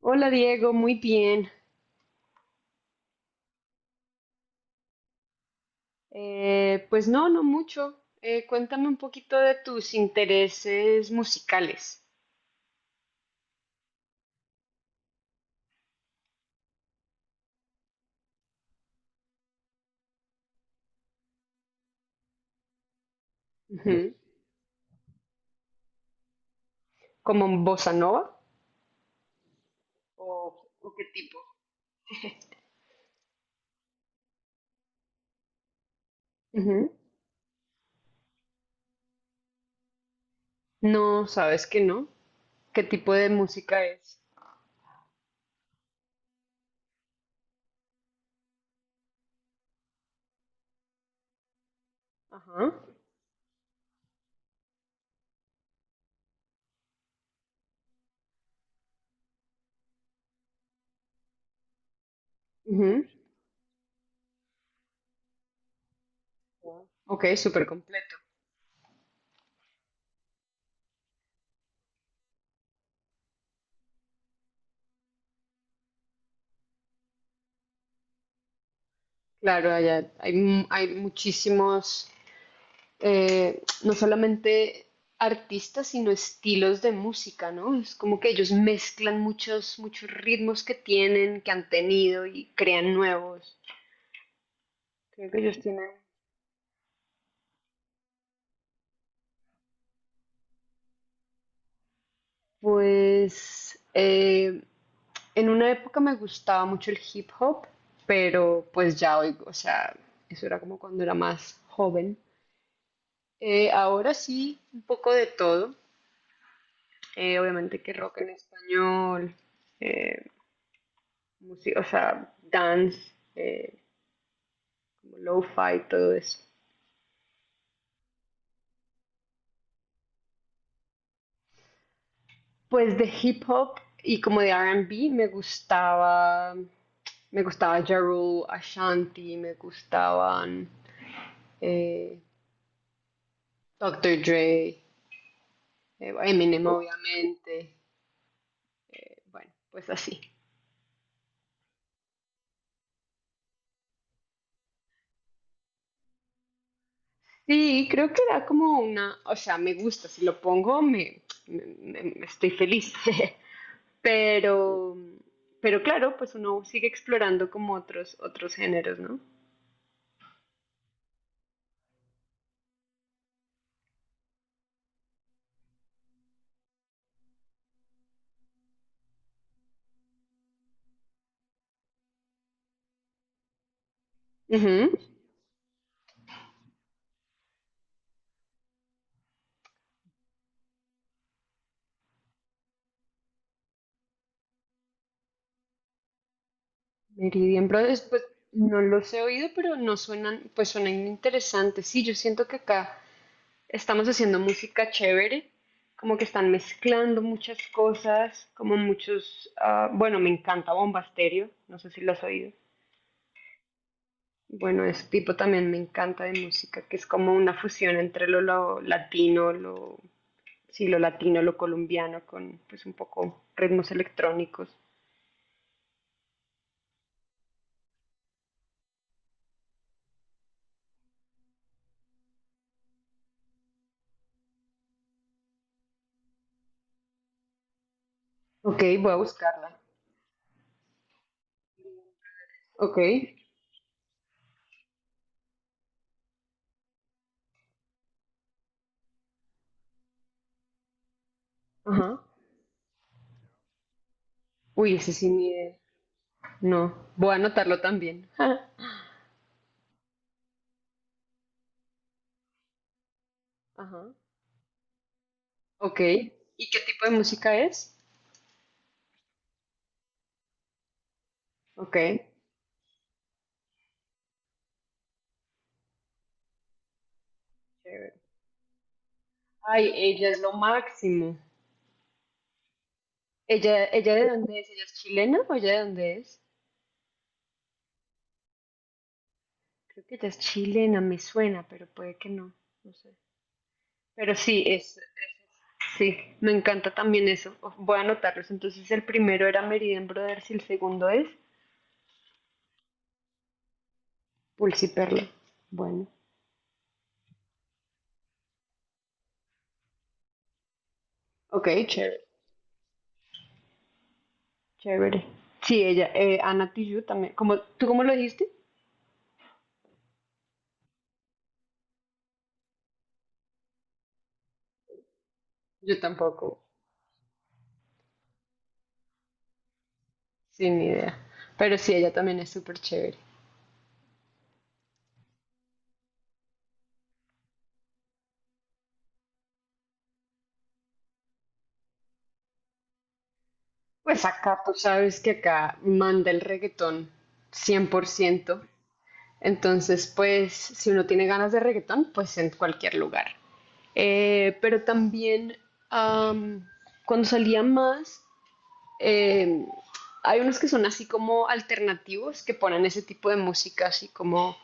Hola Diego, muy bien. Pues no mucho. Cuéntame un poquito de tus intereses musicales. Ujú. ¿Como bossa nova? ¿O qué tipo? Ujú. No, sabes que no. ¿Qué tipo de música es? Ajá. Ujú. Ok, súper completo. Claro, allá hay muchísimos. No solamente artistas, sino estilos de música, ¿no? Es como que ellos mezclan muchos ritmos que tienen, que han tenido y crean nuevos. Creo que ellos tienen. Pues en una época me gustaba mucho el hip hop, pero pues ya oigo, o sea, eso era como cuando era más joven. Ahora sí, un poco de todo. Obviamente que rock en español, eh, música, o sea, dance, como lo-fi, todo eso. Pues de hip hop y como de R&B me gustaba Ja Rule, Ashanti, me gustaban eh, Dr. Dre, Eminem obviamente, bueno, pues así. Sí, creo que da como una, o sea, me gusta, si lo pongo me estoy feliz, pero, pero claro, pues uno sigue explorando como otros géneros, ¿no? Ujú. Meridian Brothers, pues no los he oído, pero no suenan, pues suenan interesantes. Sí, yo siento que acá estamos haciendo música chévere, como que están mezclando muchas cosas, como muchos, ah, bueno, me encanta Bomba Estéreo, no sé si lo has oído. Bueno, ese tipo también me encanta de música, que es como una fusión entre lo latino, sí, lo latino, lo colombiano, con pues un poco ritmos electrónicos. Ok, voy a buscarla. Ok, ajá. Uy, ese sí ni idea. No, voy a anotarlo también. Ajá. Ok. ¿Y qué tipo de música es? Ok. Chévere. Ay, ella es lo máximo. ¿Ella de dónde es? ¿Ella es chilena o ella de dónde es? Creo que ella es chilena, me suena, pero puede que no. No sé. Pero sí, es, sí, me encanta también eso. Oh, voy a anotarlos. Entonces, el primero era Meridian Brothers y el segundo es Pulsi Perla. Bueno, ok, chévere. Chévere. Sí, ella, Ana Tijoux también. ¿Tú cómo lo dijiste? Yo tampoco, sin idea. Pero sí, ella también es súper chévere. Pues acá, tú sabes que acá manda el reggaetón 100%. Entonces, pues, si uno tiene ganas de reggaetón, pues en cualquier lugar. Pero también, am, cuando salía más, eh, hay unos que son así como alternativos, que ponen ese tipo de música así como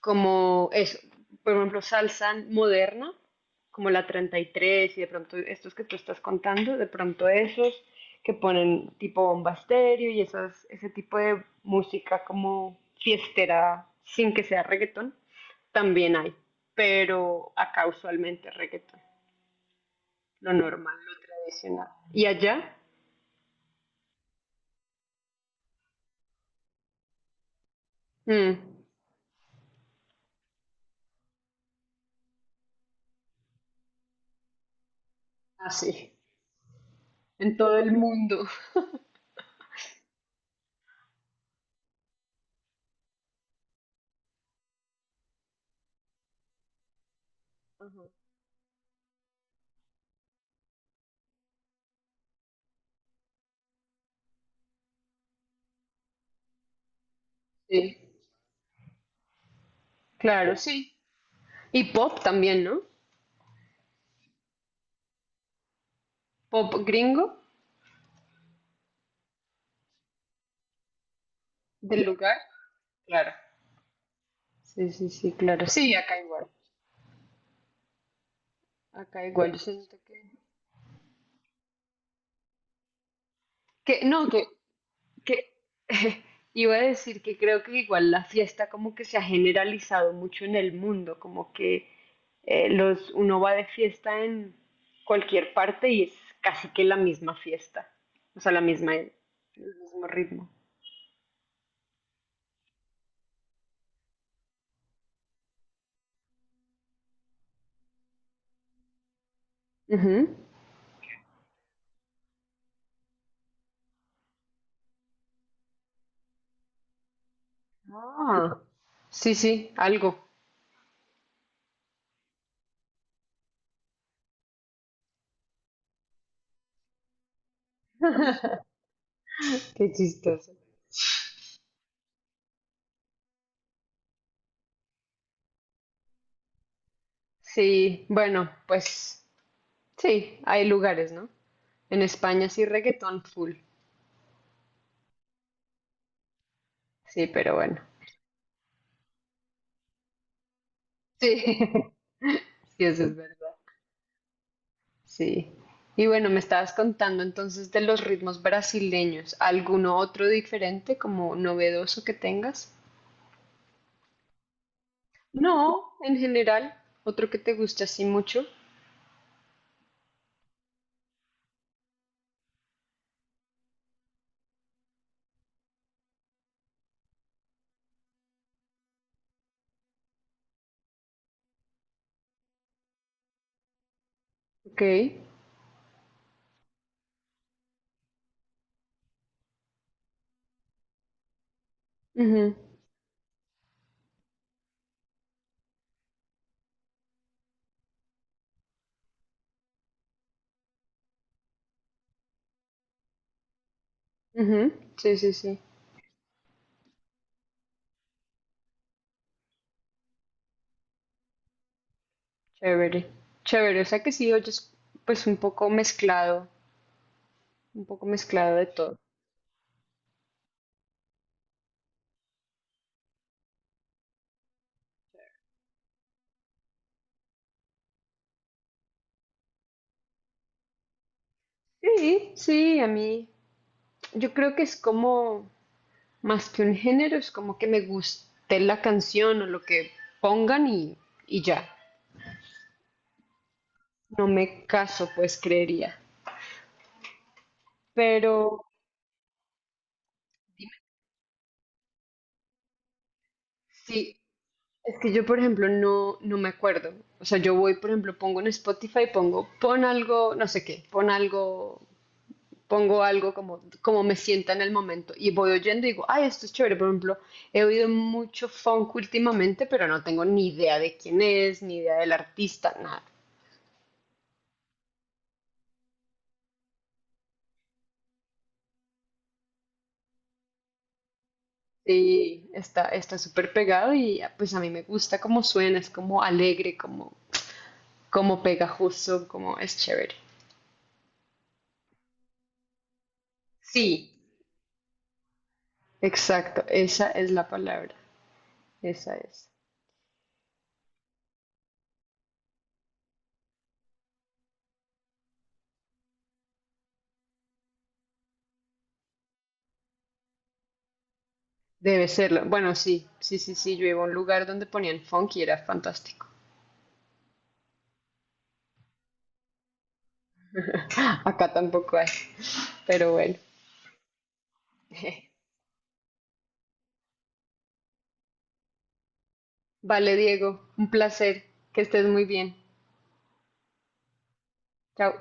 como eso, por ejemplo, salsa moderna, como la 33 y tres y de pronto estos que tú estás contando, de pronto esos que ponen tipo bomba estéreo y esas, ese tipo de música como fiestera sin que sea reggaetón, también hay, pero acá usualmente reggaetón, lo normal, lo tradicional. ¿Y allá? Mm, Así, en todo el mundo. Sí, claro, sí. Y pop también, ¿no? Pop gringo del lugar. Claro. Sí, sí, sí, claro. Sí, acá igual. Acá igual. Yo siento que no, que iba a decir que creo que igual la fiesta como que se ha generalizado mucho en el mundo, como que uno va de fiesta en cualquier parte y es casi que la misma fiesta, o sea, la misma, el mismo ritmo. Ujú. Ah, sí, sí, algo. Qué chistoso. Sí, bueno, pues sí, hay lugares, ¿no? En España sí, reggaetón full. Sí, pero bueno. Sí, sí, eso es verdad. Sí. Y bueno, me estabas contando entonces de los ritmos brasileños. ¿Alguno otro diferente, como novedoso que tengas? No, en general. Otro que te guste así mucho. Ok. Ujú, ujú. Sí, sí, sí. Chévere. Chévere. O sea que sí oyes pues un poco mezclado de todo. Sí, sí, a mí. Yo creo que es como. Más que un género, es como que me guste la canción o lo que pongan y ya. No me caso, pues creería. Pero sí, es que yo, por ejemplo, no me acuerdo. O sea, yo voy, por ejemplo, pongo en Spotify, pon algo, no sé qué, pon algo, pongo algo como me sienta en el momento. Y voy oyendo y digo, ay, esto es chévere. Por ejemplo, he oído mucho funk últimamente, pero no tengo ni idea de quién es, ni idea del artista, nada. Sí, está súper pegado y ah, pues a mí me gusta cómo suena, es como alegre, como pegajoso, como es chévere. Sí, exacto, esa es la palabra, esa es. Debe serlo. Bueno, sí, sí, sí, sí, yo iba a un lugar donde ponían funk y era fantástico. Acá tampoco hay, pero bueno. Vale, Diego, un placer, que estés muy bien. Chao.